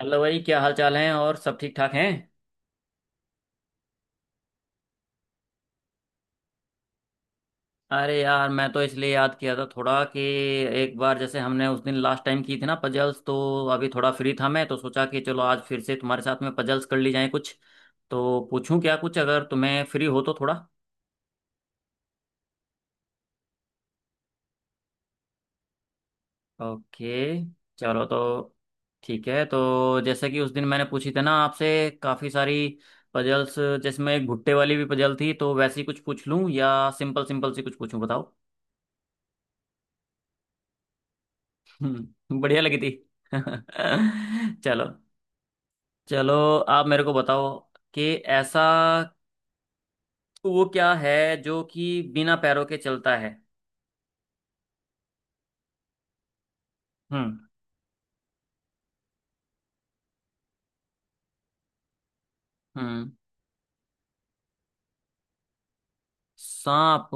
Hello भाई, क्या हाल चाल है? और सब ठीक ठाक हैं? अरे यार, मैं तो इसलिए याद किया था थोड़ा कि एक बार जैसे हमने उस दिन लास्ट टाइम की थी ना पजल्स, तो अभी थोड़ा फ्री था मैं, तो सोचा कि चलो आज फिर से तुम्हारे साथ में पजल्स कर ली जाए कुछ, तो पूछूं क्या कुछ, अगर तुम्हें फ्री हो तो थोड़ा। ओके। चलो तो ठीक है, तो जैसे कि उस दिन मैंने पूछी थी ना आपसे काफ़ी सारी पजल्स, जिसमें एक भुट्टे वाली भी पजल थी, तो वैसी कुछ पूछ लूं या सिंपल सिंपल सी कुछ पूछूं बताओ। हम्म, बढ़िया लगी थी। चलो। चलो आप मेरे को बताओ कि ऐसा वो क्या है जो कि बिना पैरों के चलता है। हम्म। हम्म। सांप?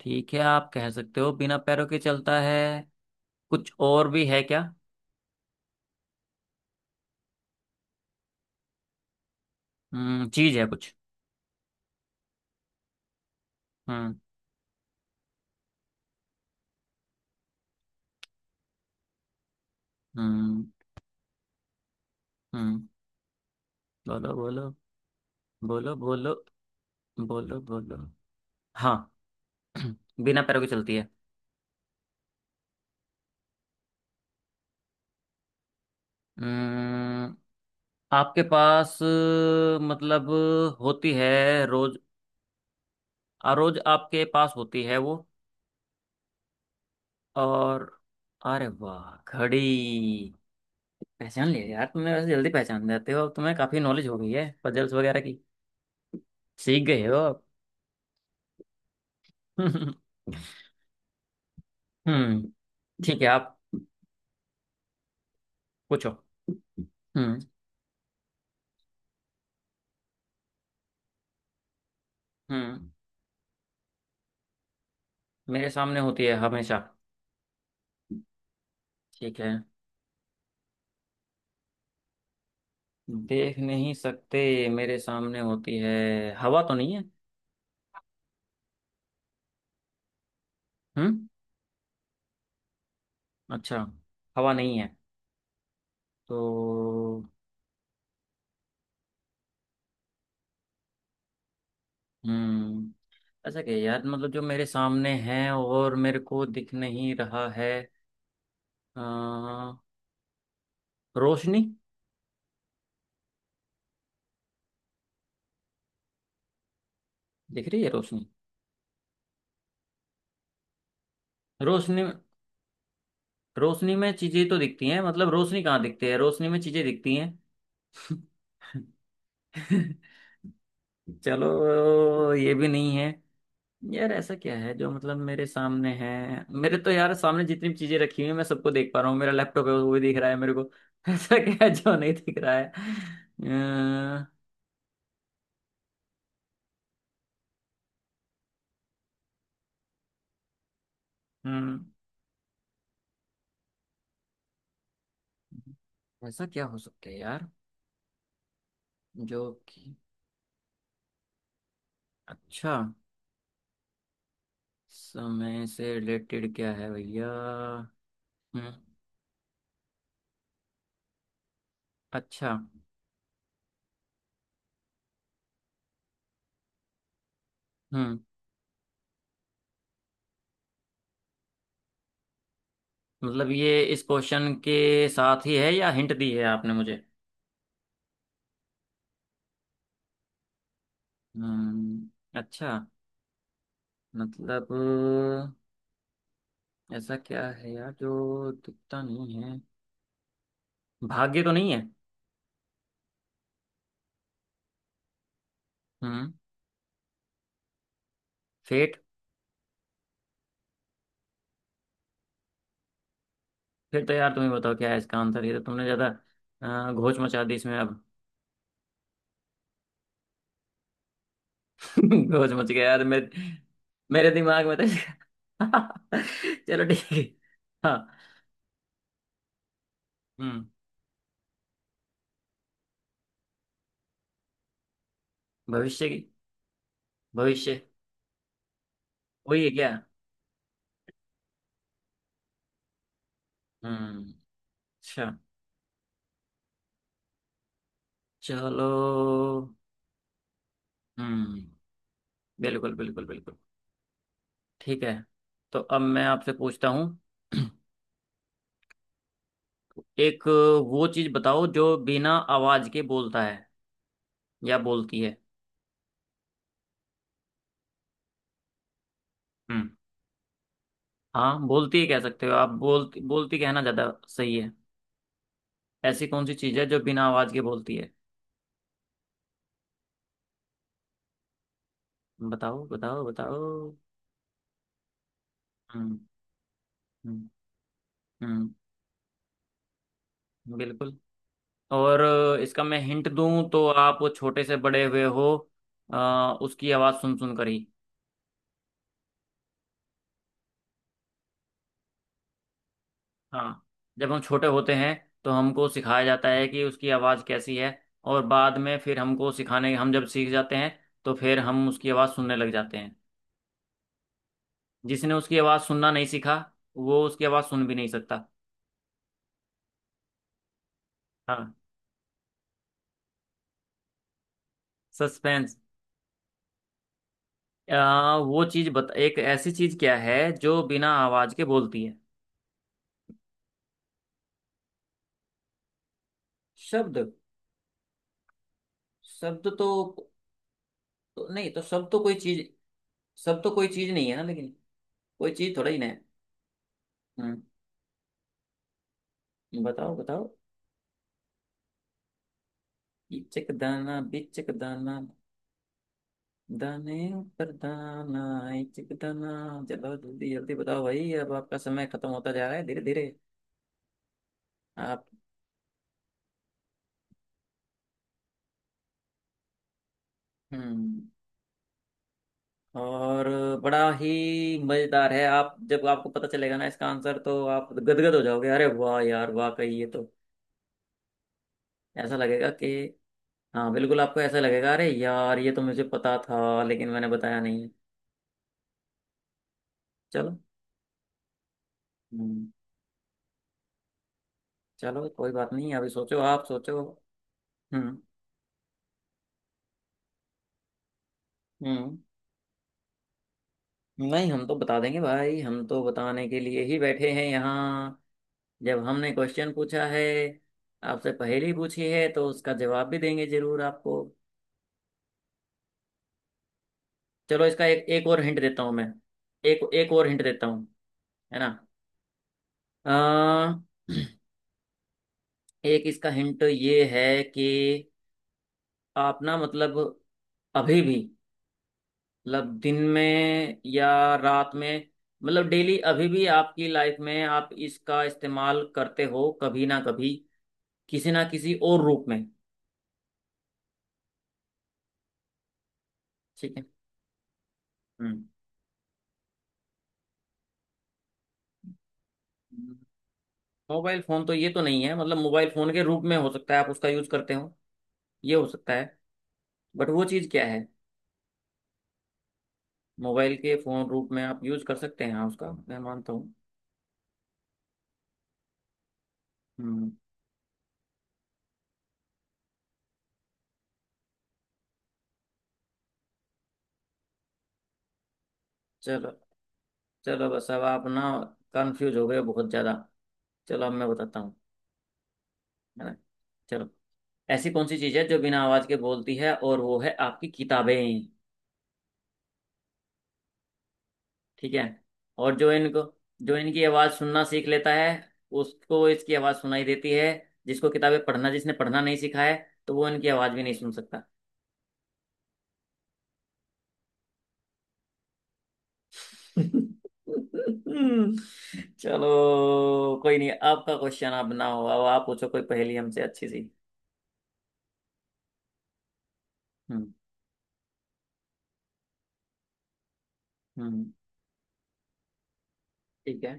ठीक है, आप कह सकते हो बिना पैरों के चलता है। कुछ और भी है क्या? हम्म, चीज है कुछ। हम्म। हम्म। हम्म। बोलो बोलो। बोलो बोलो। बोलो बोलो। हाँ। बिना पैरों के चलती है। हम्म, आपके पास मतलब होती है रोज। रोज आपके पास होती है वो। और? अरे वाह, घड़ी! पहचान लिया यार तुमने। वैसे जल्दी पहचान जाते हो, अब तुम्हें काफी नॉलेज हो गई है पजल्स वगैरह की। सीख गए हो आप। हम्म। ठीक है आप। पूछो। हम्म। हम्म। मेरे सामने होती है हमेशा? ठीक है। देख नहीं सकते। मेरे सामने होती है, हवा तो नहीं है? हम्म, अच्छा। हवा नहीं है तो। हम्म, अच्छा क्या यार, मतलब जो मेरे सामने है और मेरे को दिख नहीं रहा है। अ, रोशनी? दिख रही है रोशनी। रोशनी। रोशनी में चीजें तो दिखती हैं, मतलब रोशनी कहाँ दिखती है, रोशनी में चीजें दिखती हैं। चलो, ये भी नहीं है। यार ऐसा क्या है जो मतलब मेरे सामने है। मेरे तो यार सामने जितनी भी चीजें रखी हुई है मैं सबको देख पा रहा हूँ, मेरा लैपटॉप है वो भी दिख रहा है मेरे को। ऐसा क्या है जो नहीं दिख रहा है? हम्म, ऐसा क्या हो सकता है यार, जो कि। अच्छा। समय से रिलेटेड क्या है भैया? हम्म। अच्छा। हम्म, मतलब ये इस क्वेश्चन के साथ ही है या हिंट दी है आपने मुझे? हम्म, अच्छा। मतलब ऐसा क्या है यार जो दिखता नहीं है? भाग्य तो नहीं है? हम्म, फेट। फिर तो यार तुम ही बताओ क्या है इसका आंसर, ये तो तुमने ज्यादा घोच मचा दी इसमें अब। सोच मच गया यार मेरे, मेरे दिमाग में तो। चलो ठीक है। हाँ। हम्म। भविष्य की। भविष्य। वही है क्या? हम्म, अच्छा। चलो। हम्म। बिल्कुल बिल्कुल बिल्कुल। ठीक है, तो अब मैं आपसे पूछता हूँ। एक वो चीज बताओ जो बिना आवाज के बोलता है, या बोलती है। हम्म। हाँ, बोलती है कह सकते हो आप, बोलती बोलती कहना ज्यादा सही है। ऐसी कौन सी चीज है जो बिना आवाज के बोलती है? बताओ बताओ बताओ। हम्म। हम्म। हम्म, बिल्कुल। और इसका मैं हिंट दूं तो, आप वो छोटे से बड़े हुए हो अ, उसकी आवाज़ सुन सुन कर ही। हाँ, जब हम छोटे होते हैं तो हमको सिखाया जाता है कि उसकी आवाज़ कैसी है। और बाद में फिर हमको सिखाने, हम जब सीख जाते हैं तो फिर हम उसकी आवाज़ सुनने लग जाते हैं। जिसने उसकी आवाज़ सुनना नहीं सीखा, वो उसकी आवाज़ सुन भी नहीं सकता। हाँ, सस्पेंस। वो चीज़ बता, एक ऐसी चीज़ क्या है जो बिना आवाज़ के बोलती है। शब्द? शब्द तो, तो नहीं तो, शब्द तो कोई चीज नहीं है ना, लेकिन कोई चीज थोड़ा ही ना है। हम्म। बताओ बताओ। इचक दाना बिचक दाना, दाने पर दाना, इचक दाना। चलो जल्दी जल्दी बताओ भाई, अब आपका समय खत्म होता जा रहा है धीरे धीरे। आप। हम्म। और बड़ा ही मजेदार है, आप जब आपको पता चलेगा ना इसका आंसर तो आप गदगद हो जाओगे, अरे वाह यार वाह, कही ये तो ऐसा लगेगा कि। हाँ बिल्कुल, आपको ऐसा लगेगा अरे यार ये तो मुझे पता था लेकिन मैंने बताया नहीं। चलो। हम्म, चलो कोई बात नहीं, अभी सोचो आप, सोचो। हम्म। हम्म, नहीं हम तो बता देंगे भाई, हम तो बताने के लिए ही बैठे हैं यहाँ, जब हमने क्वेश्चन पूछा है आपसे, पहेली पूछी है तो उसका जवाब भी देंगे जरूर आपको। चलो, इसका एक एक और हिंट देता हूँ मैं, एक एक और हिंट देता हूँ, है ना। अ, एक इसका हिंट ये है कि आप ना, मतलब अभी भी, मतलब दिन में या रात में, मतलब डेली अभी भी आपकी लाइफ में आप इसका इस्तेमाल करते हो कभी ना कभी, किसी ना किसी और रूप में। ठीक है। हम्म। Mobile phone? तो ये तो नहीं है, मतलब मोबाइल फोन के रूप में हो सकता है आप उसका यूज करते हो, ये हो सकता है, बट वो चीज क्या है? मोबाइल के फोन रूप में आप यूज कर सकते हैं हाँ, उसका मैं मानता हूँ। हम्म। चलो, चलो बस अब आप ना कंफ्यूज हो गए बहुत ज्यादा। चलो अब मैं बताता हूँ, है ना। चलो, ऐसी कौन सी चीज़ है जो बिना आवाज़ के बोलती है, और वो है आपकी किताबें। ठीक है। और जो इनको, जो इनकी आवाज़ सुनना सीख लेता है उसको इसकी आवाज़ सुनाई देती है। जिसको किताबें पढ़ना, जिसने पढ़ना नहीं सीखा है, तो वो इनकी आवाज़ भी नहीं सुन सकता। चलो, कोई नहीं, आपका क्वेश्चन आप बनाओ, अब आप पूछो कोई पहेली हमसे अच्छी सी। हम्म। हम्म। ठीक है।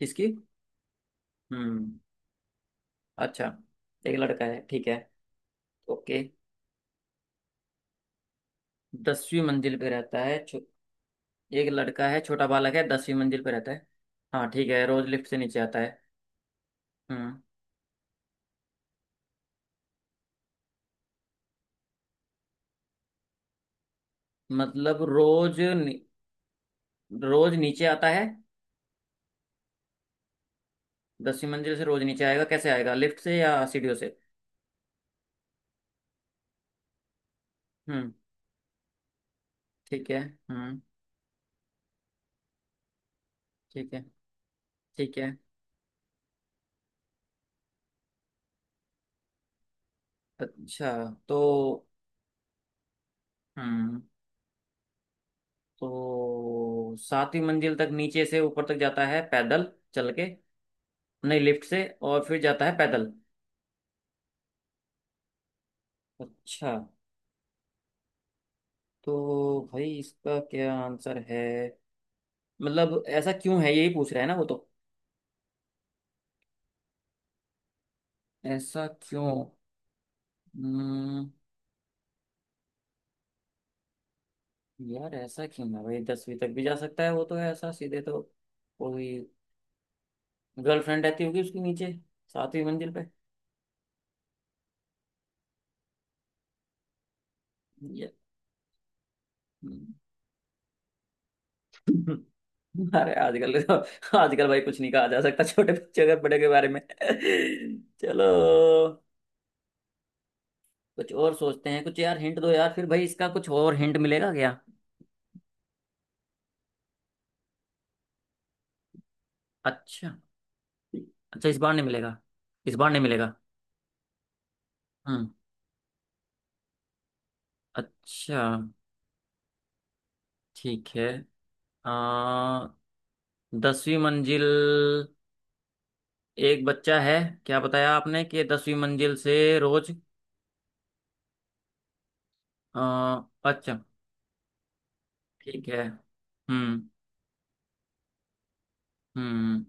किसकी? हम्म, अच्छा। एक लड़का है, ठीक है। ओके। दसवीं मंजिल पे रहता है? एक लड़का है, छोटा बालक है, दसवीं मंजिल पे रहता है। हाँ ठीक है, रोज लिफ्ट से नीचे आता है। हम्म। मतलब रोज नीचे आता है दसवीं मंजिल से, रोज नीचे आएगा कैसे, आएगा लिफ्ट से या सीढ़ियों से? हम्म, ठीक है। हम्म, ठीक है। ठीक है। अच्छा। तो। हम्म। तो सातवीं मंजिल तक नीचे से ऊपर तक जाता है पैदल चल के, नहीं लिफ्ट से और फिर जाता है पैदल। अच्छा। तो भाई इसका क्या आंसर है, मतलब ऐसा क्यों है यही पूछ रहा है ना वो तो। ऐसा क्यों। हम्म, यार ऐसा क्यों है भाई, दसवीं तक भी जा सकता है वो तो, है ऐसा सीधे तो। कोई गर्लफ्रेंड रहती होगी उसके नीचे, सातवीं मंजिल पे। ये हम्म। अरे आजकल तो, आजकल भाई कुछ नहीं कहा जा सकता, छोटे बच्चे अगर बड़े के बारे में। चलो, कुछ और सोचते हैं कुछ, यार हिंट दो यार फिर भाई, इसका कुछ और हिंट मिलेगा क्या? अच्छा। अच्छा, इस बार नहीं मिलेगा, इस बार नहीं मिलेगा। हम्म, अच्छा, ठीक है। आ, दसवीं मंजिल, एक बच्चा है, क्या बताया आपने कि दसवीं मंजिल से रोज। आ, अच्छा। ठीक है, हम्म। हम्म।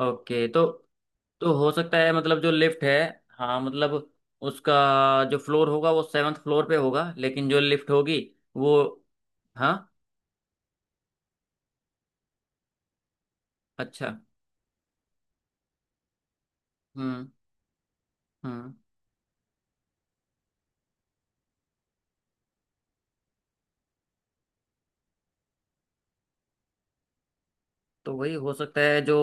ओके, तो हो सकता है, मतलब जो लिफ्ट है। हाँ मतलब, उसका जो फ्लोर होगा वो सेवन्थ फ्लोर पे होगा, लेकिन जो लिफ्ट होगी, वो। हाँ। अच्छा। हम्म। हम्म। तो वही हो सकता है जो,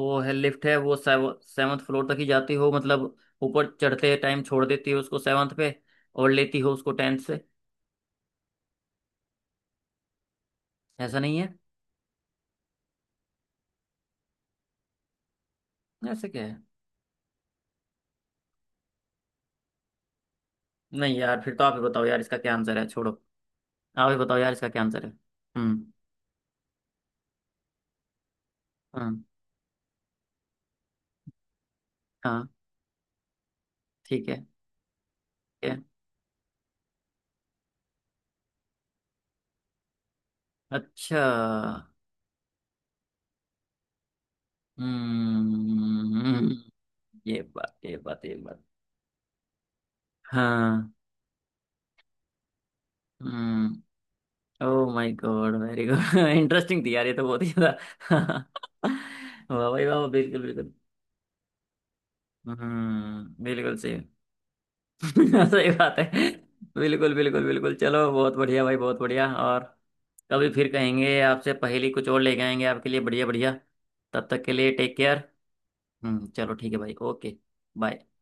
वो है लिफ्ट है, वो सेवन्थ फ्लोर तक ही जाती हो, मतलब ऊपर चढ़ते टाइम छोड़ देती हो उसको सेवन्थ पे, और लेती हो उसको टेंथ से। ऐसा नहीं है? ऐसा क्या है? नहीं यार फिर तो आप ही बताओ यार, इसका क्या आंसर है, छोड़ो, आप ही बताओ यार इसका क्या आंसर है। हम्म। हाँ। हाँ। ठीक है। ठीक है। अच्छा। हम्म। ये बात ये बात ये बात। हाँ। हम्म। Oh my God, very good, interesting थी यार ये तो, बहुत ही ज्यादा। वाह भाई वाह, बिल्कुल बिल्कुल। हम्म, बिल्कुल सही। सही बात है, बिल्कुल बिल्कुल बिल्कुल। चलो बहुत बढ़िया भाई, बहुत बढ़िया। और कभी फिर कहेंगे आपसे पहेली, कुछ और लेके आएंगे आपके लिए, बढ़िया बढ़िया। तब तक के लिए टेक केयर। हम्म, चलो ठीक है भाई, ओके। बाय।